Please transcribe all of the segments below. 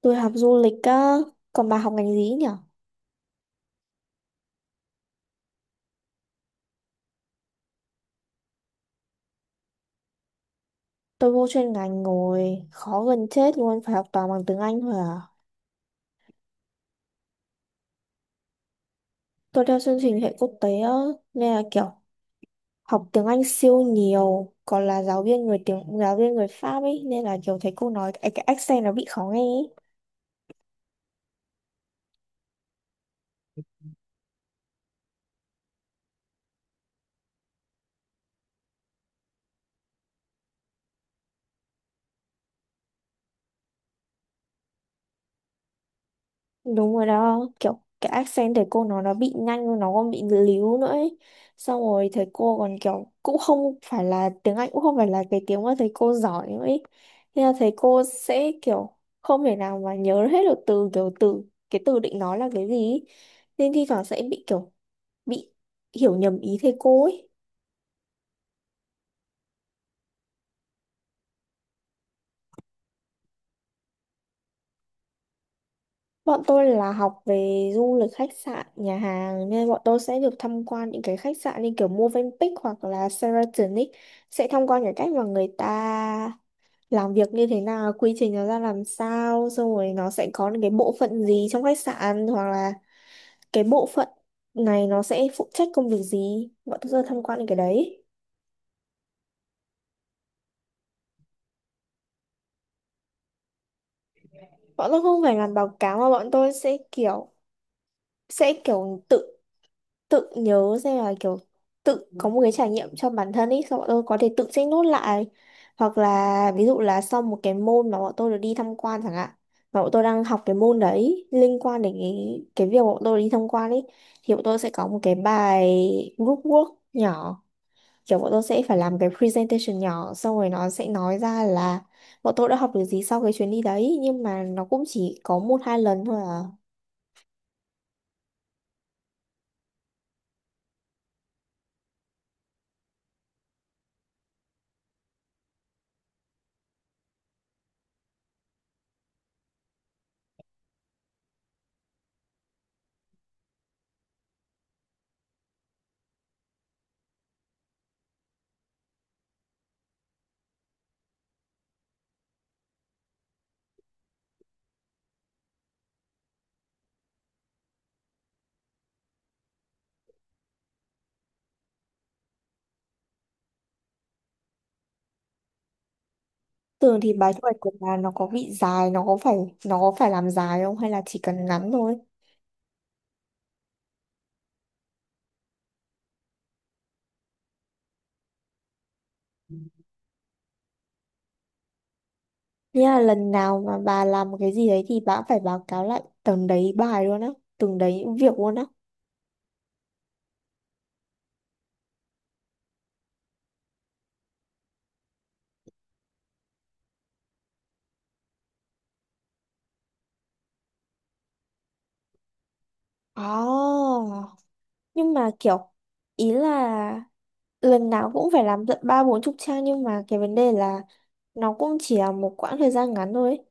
Tôi học du lịch á, còn bà học ngành gì nhỉ? Tôi vô chuyên ngành ngồi khó gần chết luôn, phải học toàn bằng tiếng Anh thôi à. Tôi theo chương trình hệ quốc tế á, nên là kiểu học tiếng Anh siêu nhiều, còn là giáo viên người Pháp ấy, nên là kiểu thấy cô nói cái accent nó bị khó nghe ấy. Đúng rồi đó, kiểu cái accent thầy cô nó bị nhanh, nó còn bị líu nữa ấy. Xong rồi thầy cô còn kiểu cũng không phải là tiếng Anh cũng không phải là cái tiếng mà thầy cô giỏi nữa ấy. Nên là thầy cô sẽ kiểu không thể nào mà nhớ hết được từ kiểu từ cái từ định nói là cái gì ấy. Nên thi thoảng sẽ bị hiểu nhầm ý thầy cô ấy. Bọn tôi là học về du lịch khách sạn, nhà hàng nên bọn tôi sẽ được tham quan những cái khách sạn như kiểu Movenpick hoặc là Sheraton ấy. Sẽ tham quan cái cách mà người ta làm việc như thế nào, quy trình nó ra làm sao, xong rồi nó sẽ có những cái bộ phận gì trong khách sạn hoặc là cái bộ phận này nó sẽ phụ trách công việc gì. Bọn tôi sẽ tham quan những cái đấy. Bọn tôi không phải làm báo cáo mà bọn tôi sẽ kiểu tự tự nhớ xem là kiểu tự có một cái trải nghiệm cho bản thân ấy, xong bọn tôi có thể tự check nốt lại, hoặc là ví dụ là sau một cái môn mà bọn tôi được đi tham quan chẳng hạn, mà bọn tôi đang học cái môn đấy liên quan đến cái việc bọn tôi đi tham quan ấy, thì bọn tôi sẽ có một cái bài group work nhỏ, kiểu bọn tôi sẽ phải làm cái presentation nhỏ, xong rồi nó sẽ nói ra là bọn tôi đã học được gì sau cái chuyến đi đấy, nhưng mà nó cũng chỉ có một hai lần thôi à. Thường thì bài thu hoạch của bà nó có bị dài, nó có phải làm dài không hay là chỉ cần ngắn thôi? Nghĩa là lần nào mà bà làm một cái gì đấy thì bà cũng phải báo cáo lại từng đấy bài luôn á, từng đấy việc luôn á. Oh, nhưng mà kiểu ý là lần nào cũng phải làm tận ba bốn chục trang, nhưng mà cái vấn đề là nó cũng chỉ là một quãng thời gian ngắn thôi ấy.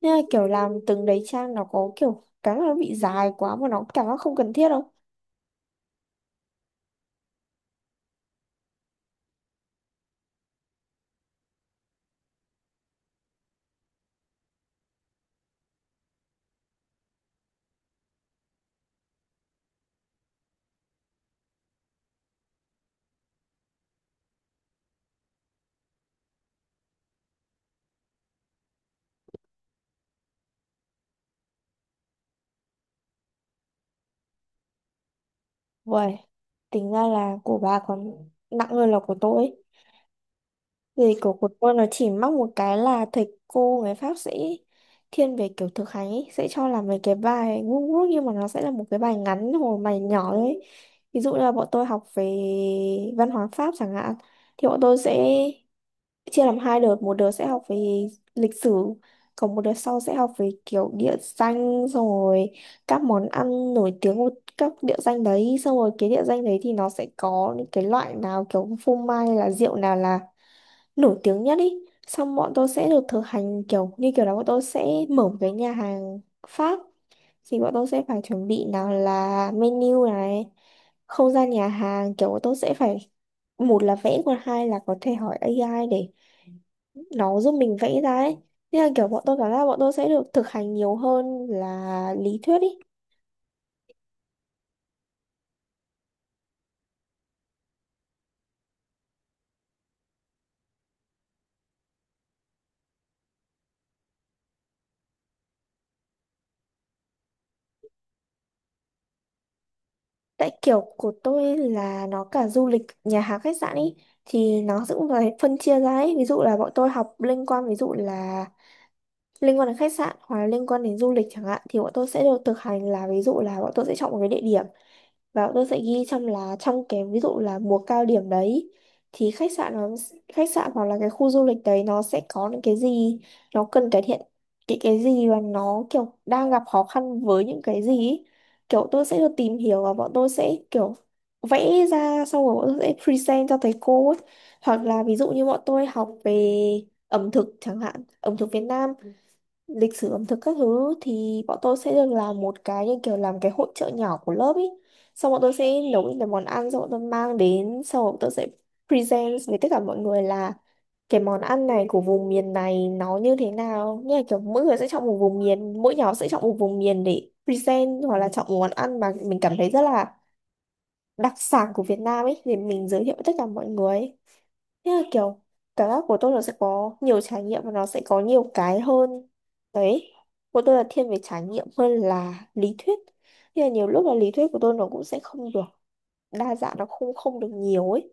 Nên là kiểu làm từng đấy trang nó có kiểu cái mà nó bị dài quá mà nó cảm giác không cần thiết không? Uầy, tính ra là của bà còn nặng hơn là của tôi ấy. Vì của tôi nó chỉ mắc một cái là thầy cô người Pháp sẽ thiên về kiểu thực hành ấy, sẽ cho làm mấy cái bài ngu ngốc, nhưng mà nó sẽ là một cái bài ngắn hồi bài nhỏ ấy. Ví dụ như là bọn tôi học về văn hóa Pháp chẳng hạn, thì bọn tôi sẽ chia làm hai đợt, một đợt sẽ học về lịch sử, còn một đợt sau sẽ học về kiểu địa danh rồi các món ăn nổi tiếng của các địa danh đấy, xong rồi cái địa danh đấy thì nó sẽ có những cái loại nào kiểu phô mai hay là rượu nào là nổi tiếng nhất ý, xong bọn tôi sẽ được thực hành kiểu như kiểu là bọn tôi sẽ mở một cái nhà hàng Pháp, thì bọn tôi sẽ phải chuẩn bị nào là menu này, không gian nhà hàng, kiểu bọn tôi sẽ phải một là vẽ, còn hai là có thể hỏi AI để nó giúp mình vẽ ra ấy, nên là kiểu bọn tôi cảm giác bọn tôi sẽ được thực hành nhiều hơn là lý thuyết ý. Tại kiểu của tôi là nó cả du lịch nhà hàng khách sạn ý, thì nó cũng phải phân chia ra ấy, ví dụ là bọn tôi học liên quan, ví dụ là liên quan đến khách sạn hoặc là liên quan đến du lịch chẳng hạn, thì bọn tôi sẽ được thực hành là ví dụ là bọn tôi sẽ chọn một cái địa điểm và bọn tôi sẽ ghi trong là trong cái ví dụ là mùa cao điểm đấy, thì khách sạn hoặc là cái khu du lịch đấy nó sẽ có những cái gì, nó cần cải thiện cái gì và nó kiểu đang gặp khó khăn với những cái gì ý. Kiểu tôi sẽ được tìm hiểu và bọn tôi sẽ kiểu vẽ ra, xong rồi bọn tôi sẽ present cho thầy cô ấy. Hoặc là ví dụ như bọn tôi học về ẩm thực chẳng hạn, ẩm thực Việt Nam, lịch sử ẩm thực các thứ, thì bọn tôi sẽ được làm một cái như kiểu làm cái hội chợ nhỏ của lớp ý, xong bọn tôi sẽ nấu những cái món ăn, xong bọn tôi mang đến, xong bọn tôi sẽ present với tất cả mọi người là cái món ăn này của vùng miền này nó như thế nào, như là kiểu mỗi người sẽ chọn một vùng miền, mỗi nhóm sẽ chọn một vùng miền để present, hoặc là chọn một món ăn mà mình cảm thấy rất là đặc sản của Việt Nam ấy để mình giới thiệu với tất cả mọi người. Thế là kiểu cảm giác của tôi nó sẽ có nhiều trải nghiệm và nó sẽ có nhiều cái hơn. Đấy, của tôi là thiên về trải nghiệm hơn là lý thuyết. Thế là nhiều lúc là lý thuyết của tôi nó cũng sẽ không được đa dạng, nó không không được nhiều ấy.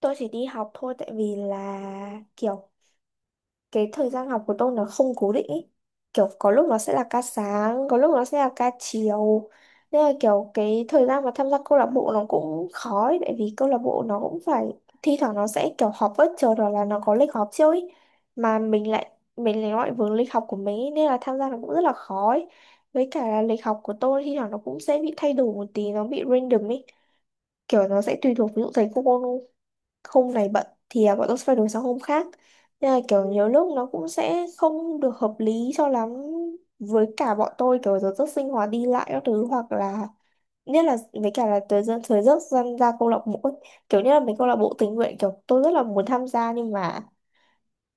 Tôi chỉ đi học thôi, tại vì là kiểu cái thời gian học của tôi nó không cố định ý. Kiểu có lúc nó sẽ là ca sáng, có lúc nó sẽ là ca chiều. Nên là kiểu cái thời gian mà tham gia câu lạc bộ nó cũng khó ấy, tại vì câu lạc bộ nó cũng phải thi thoảng nó sẽ kiểu họp bất chợt hoặc là nó có lịch họp chưa ấy. Mà mình lại gọi vướng lịch học của mình ý, nên là tham gia nó cũng rất là khó ấy. Với cả là lịch học của tôi thi thoảng nó cũng sẽ bị thay đổi một tí, nó bị random ấy. Kiểu nó sẽ tùy thuộc ví dụ thầy cô hôm này bận thì à, bọn tôi sẽ phải đổi sang hôm khác, nên là kiểu nhiều lúc nó cũng sẽ không được hợp lý cho lắm với cả bọn tôi, kiểu giờ giấc sinh hoạt đi lại các thứ, hoặc là nhất là với cả là thời gian ra câu lạc bộ ấy. Kiểu như là mấy câu lạc bộ tình nguyện, kiểu tôi rất là muốn tham gia nhưng mà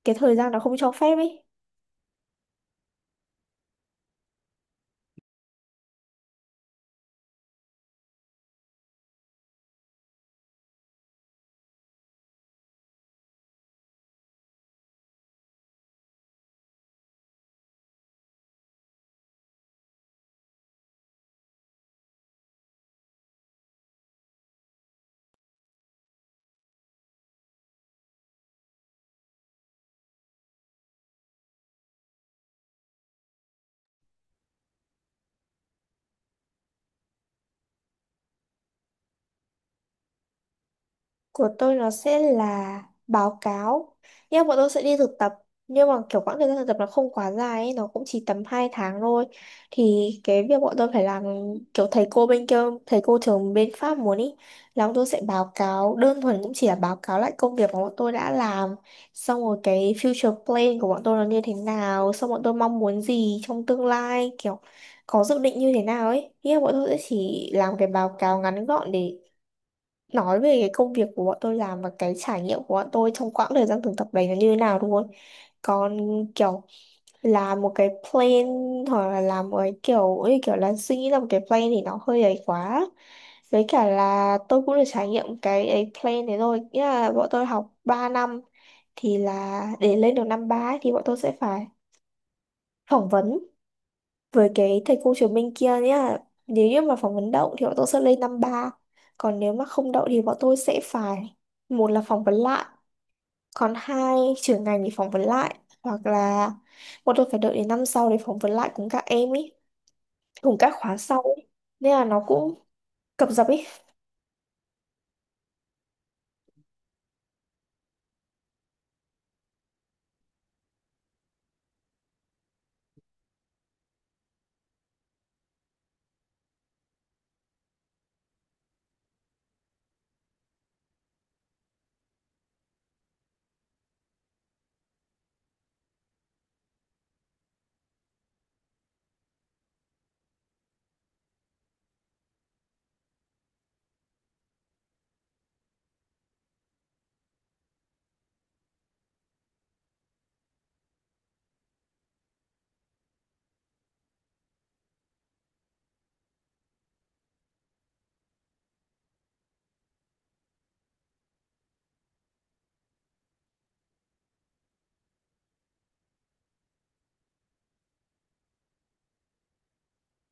cái thời gian nó không cho phép ấy. Của tôi nó sẽ là báo cáo, nhưng mà bọn tôi sẽ đi thực tập, nhưng mà kiểu quãng thời gian thực tập nó không quá dài ấy, nó cũng chỉ tầm 2 tháng thôi, thì cái việc bọn tôi phải làm kiểu thầy cô bên kia, thầy cô trường bên Pháp muốn ý là bọn tôi sẽ báo cáo đơn thuần cũng chỉ là báo cáo lại công việc mà bọn tôi đã làm, xong rồi cái future plan của bọn tôi nó như thế nào, xong bọn tôi mong muốn gì trong tương lai, kiểu có dự định như thế nào ấy, nghĩa là bọn tôi sẽ chỉ làm cái báo cáo ngắn gọn để nói về cái công việc của bọn tôi làm và cái trải nghiệm của bọn tôi trong quãng thời gian thực tập đấy nó như thế nào luôn. Còn kiểu làm một cái plan hoặc là làm một cái kiểu như kiểu là suy nghĩ ra một cái plan thì nó hơi ấy quá, với cả là tôi cũng được trải nghiệm cái ấy plan đấy rồi, nghĩa là bọn tôi học 3 năm thì là để lên được năm ba ấy, thì bọn tôi sẽ phải phỏng vấn với cái thầy cô trường bên kia nhá, nếu như mà phỏng vấn đậu thì bọn tôi sẽ lên năm ba, còn nếu mà không đậu thì bọn tôi sẽ phải một là phỏng vấn lại, còn hai trưởng ngành thì phỏng vấn lại, hoặc là bọn tôi phải đợi đến năm sau để phỏng vấn lại cùng các em ý, cùng các khóa sau ý, nên là nó cũng cập dập ý.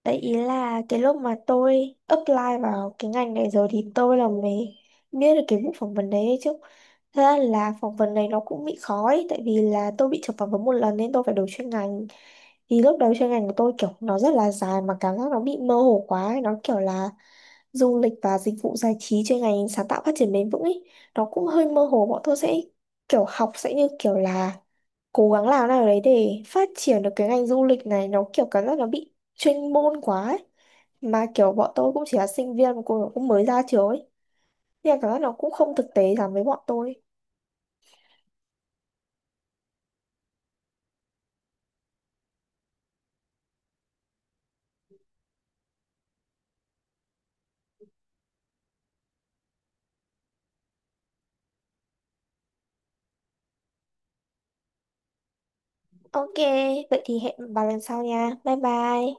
Đấy ý là cái lúc mà tôi apply vào cái ngành này rồi thì tôi là mới biết được cái vụ phỏng vấn đấy đấy chứ. Thật ra là phỏng vấn này nó cũng bị khó ấy, tại vì là tôi bị chụp phỏng vấn một lần nên tôi phải đổi chuyên ngành. Thì lúc đầu chuyên ngành của tôi kiểu nó rất là dài mà cảm giác nó bị mơ hồ quá ấy. Nó kiểu là du lịch và dịch vụ giải trí chuyên ngành sáng tạo phát triển bền vững ấy. Nó cũng hơi mơ hồ, bọn tôi sẽ kiểu học sẽ như kiểu là cố gắng làm nào đấy để phát triển được cái ngành du lịch này, nó kiểu cảm giác nó bị chuyên môn quá ấy. Mà kiểu bọn tôi cũng chỉ là sinh viên mà cũng mới ra trường ấy, nên là cảm giác nó cũng không thực tế lắm với bọn tôi. OK, vậy thì hẹn bà lần sau nha, bye bye.